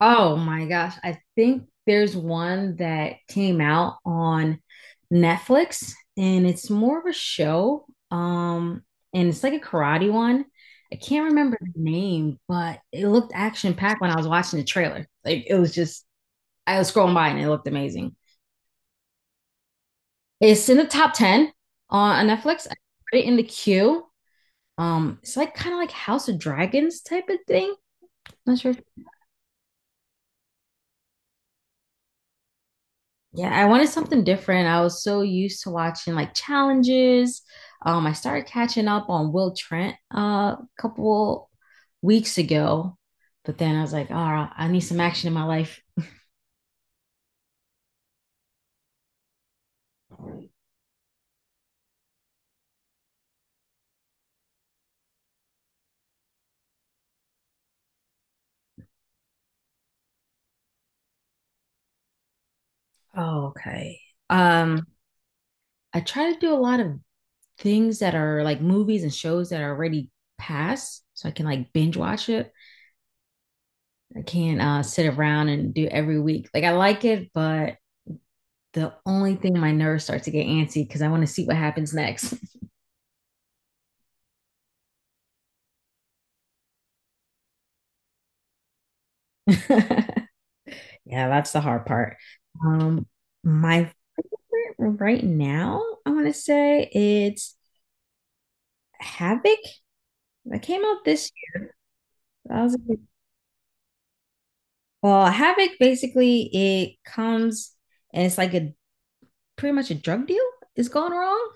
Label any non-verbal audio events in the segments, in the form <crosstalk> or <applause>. Oh my gosh. I think there's one that came out on Netflix and it's more of a show. Um, and it's like a karate one. I can't remember the name, but it looked action packed when I was watching the trailer. I was scrolling by and it looked amazing. It's in the top 10 on Netflix. I put it in the queue. It's like kind of like House of Dragons type of thing. Not sure. if Yeah, I wanted something different. I was so used to watching like challenges. I started catching up on Will Trent a couple weeks ago, but then I was like, oh, I need some action in my life. Oh, okay. Um, I try to do a lot of things that are like movies and shows that are already past, so I can like binge watch it. I can't sit around and do every week. Like I like it, but the only thing my nerves start to get antsy because I want to see what happens next. <laughs> Yeah, that's the hard part. Um, my favorite right now, I want to say it's Havoc that came out this year. That was a good- Well, Havoc basically it comes and it's like a pretty much a drug deal is going wrong.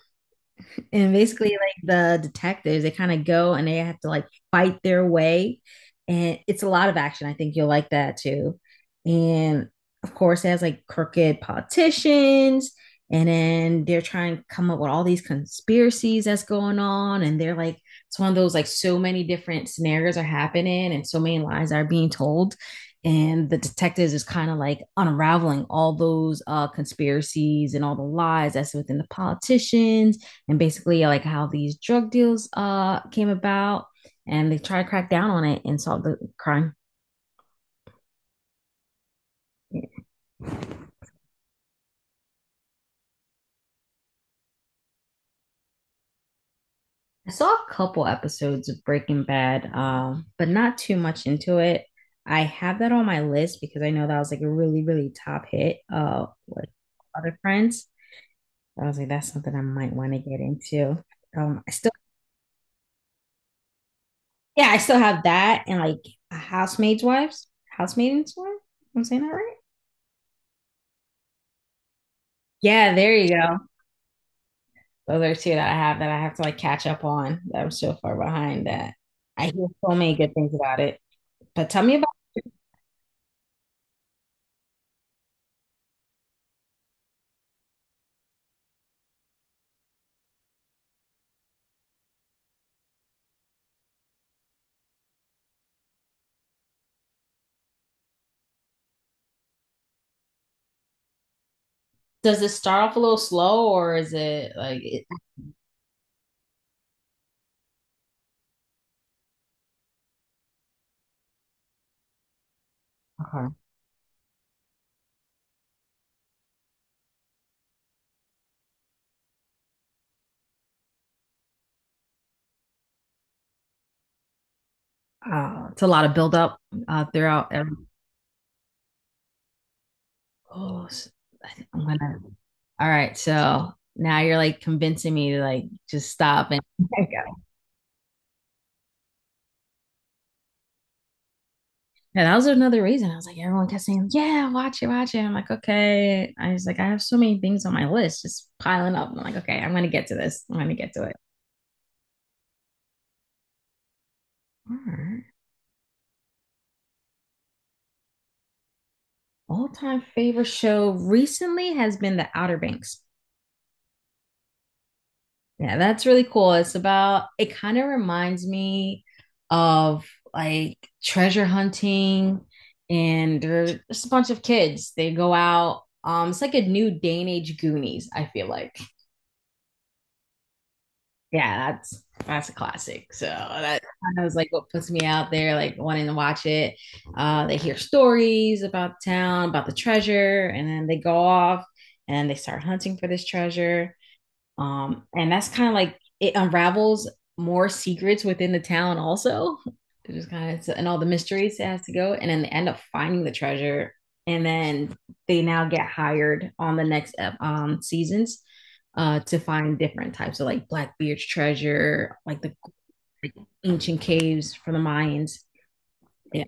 And basically like the detectives they kind of go and they have to like fight their way, and it's a lot of action. I think you'll like that too. And of course it has like crooked politicians, and then they're trying to come up with all these conspiracies that's going on, and they're like it's one of those like so many different scenarios are happening and so many lies are being told. And the detectives is kind of like unraveling all those conspiracies and all the lies that's within the politicians, and basically like how these drug deals came about, and they try to crack down on it and solve the crime. Yeah. I saw a couple episodes of Breaking Bad, but not too much into it. I have that on my list because I know that was like a really, really top hit with other friends. I was like, that's something I might want to get into. Um, I still, yeah, I still have that and like Housemaid's Wives, Housemaid's Wife. I'm saying that right? Yeah, there you go. Those are two that I have to like catch up on. That I'm so far behind that I hear so many good things about it. But tell me about Does it start off a little slow or is it okay. It's a lot of buildup throughout every Oh, s- I think I'm gonna. All right, so now you're like convincing me to like just stop and. <laughs> Okay, got it. And that was another reason. I was like, everyone kept saying, "Yeah, watch it, watch it." I'm like, okay. I was like, I have so many things on my list, just piling up. I'm like, okay, I'm gonna get to this. I'm gonna get to it. All right. All-time favorite show recently has been The Outer Banks. Yeah, that's really cool. It's about, it kind of reminds me of like treasure hunting, and there's just a bunch of kids. They go out. It's like a new day and age Goonies, I feel like. Yeah, that's a classic. So that kind of was like what puts me out there, like wanting to watch it. They hear stories about town, about the treasure, and then they go off and they start hunting for this treasure. And that's kind of like it unravels more secrets within the town also. It just kind of and all the mysteries it has to go, and then they end up finding the treasure, and then they now get hired on the next seasons to find different types of like Blackbeard's treasure, like, ancient caves from the Mayans. Yeah.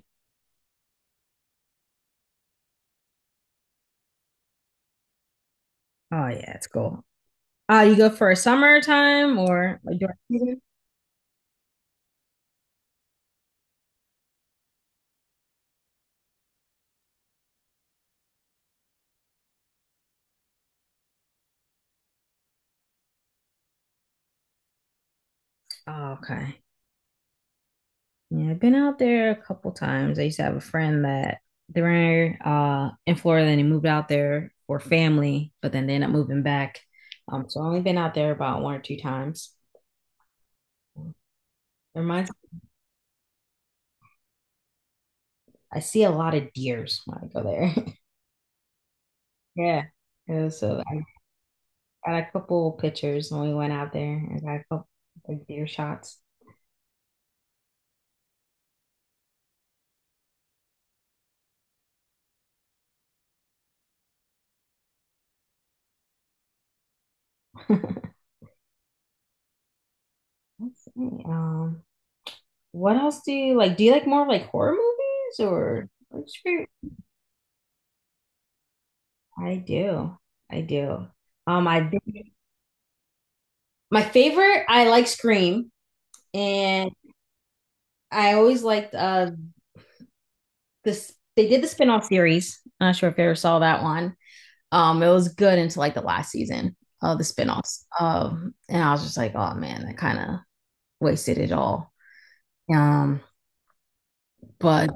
Oh yeah, it's cool. You go for a summertime or like during season? Oh, okay. Yeah, I've been out there a couple times. I used to have a friend that they were in Florida and they moved out there for family, but then they ended up moving back. So I've only been out there about one or two times. It reminds I see a lot of deers when I go there. <laughs> Yeah. Yeah, so I got a couple pictures when we went out there. I got a couple like deer shots. <laughs> Let's see. What else do you like? Do you like more like horror movies or what's your I do. I do. I've been My favorite, I like Scream, and I always liked this. They did the spinoff series. I'm not sure if you ever saw that one. It was good until like the last season of the spinoffs. And I was just like, oh man, I kind of wasted it all. Um, but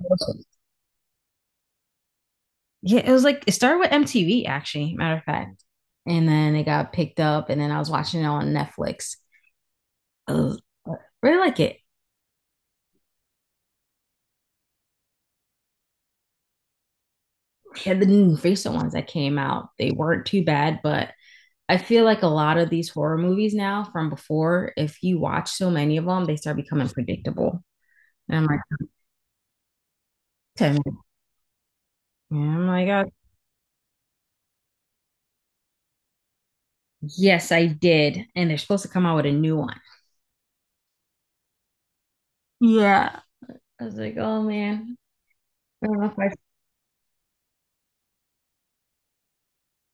Yeah, it was like it started with MTV actually, matter of fact, and then it got picked up, and then I was watching it on Netflix. I really like it. Yeah, the recent ones that came out, they weren't too bad, but I feel like a lot of these horror movies now from before, if you watch so many of them, they start becoming predictable. And I'm like, okay. And I'm like, "Oh, yes, I did. And they're supposed to come out with a new one. Yeah. I was like, oh man, I don't know if I,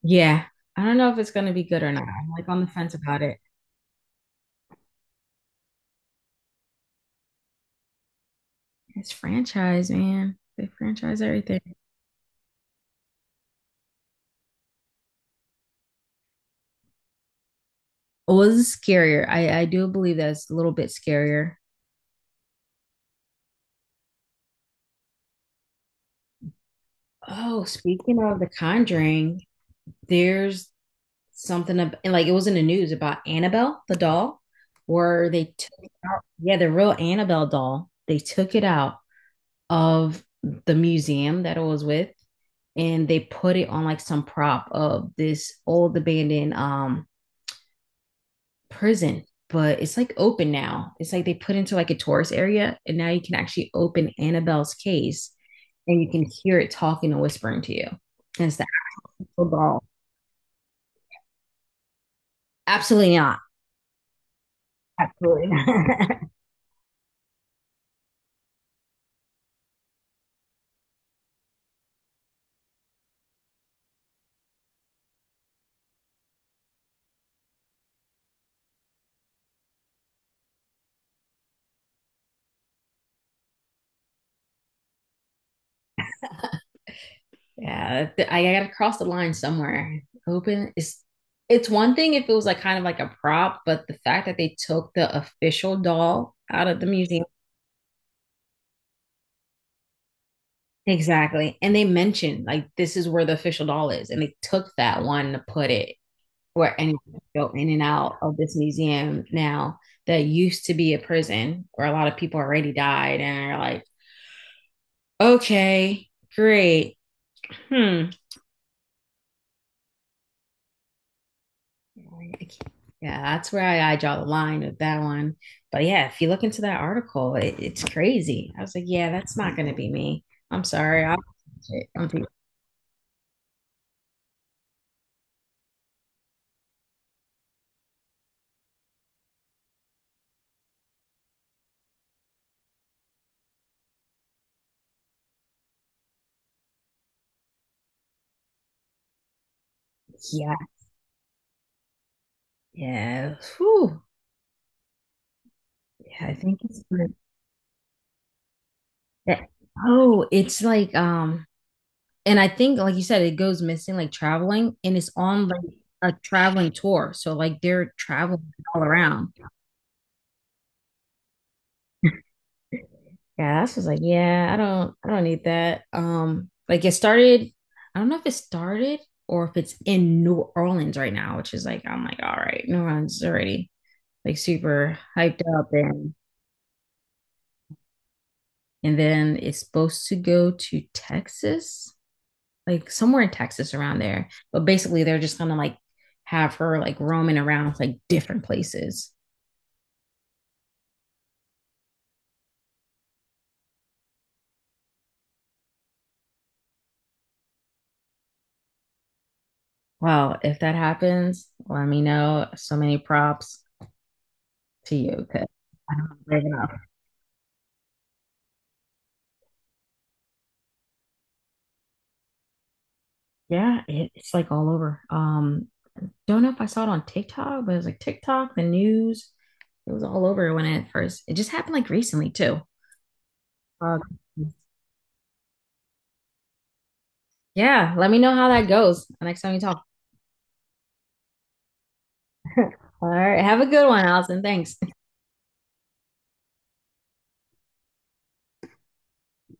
yeah, I don't know if it's gonna be good or not. I'm like on the fence about it. It's franchise, man. They franchise everything. What was scarier? I do believe that's a little bit scarier. Oh, speaking of The Conjuring, there's and like it was in the news about Annabelle the doll where they took it out. Yeah, the real Annabelle doll. They took it out of the museum that it was with, and they put it on like some prop of this old abandoned prison, but it's like open now. It's like they put into like a tourist area, and now you can actually open Annabelle's case and you can hear it talking and whispering to you, and it's the actual doll. Absolutely not. Absolutely not. <laughs> Yeah, I gotta cross the line somewhere. Open is it's one thing if it was like kind of like a prop, but the fact that they took the official doll out of the museum. Exactly. And they mentioned like this is where the official doll is. And they took that one to put it where anyone can go in and out of this museum now, that used to be a prison where a lot of people already died, and are like, okay, great. Hmm. Like, I can't- Yeah, that's where I draw the line with that one. But yeah, if you look into that article, it, it's crazy. I was like, yeah, that's not going to be me. I'm sorry. I'll, I'm thinking, yeah, yeah. Whew. Yeah, I think it's like that. Oh, it's like and I think like you said, it goes missing like traveling, and it's on like a traveling tour. So like they're traveling all around. Yeah, that's just like, yeah, I don't need that. Like it started, I don't know if it started or if it's in New Orleans right now, which is like I'm like, all right, New Orleans is already like super hyped up, and then it's supposed to go to Texas, like somewhere in Texas around there. But basically they're just gonna like have her like roaming around like different places. Well, if that happens, let me know. So many props to you because I don't know. Yeah, it, it's like all over. Don't know if I saw it on TikTok, but it was like TikTok, the news. It was all over when it first. It just happened like recently too. Uh, yeah, let me know how that goes the next time you talk. <laughs> All right, have a good one, Allison. Thanks.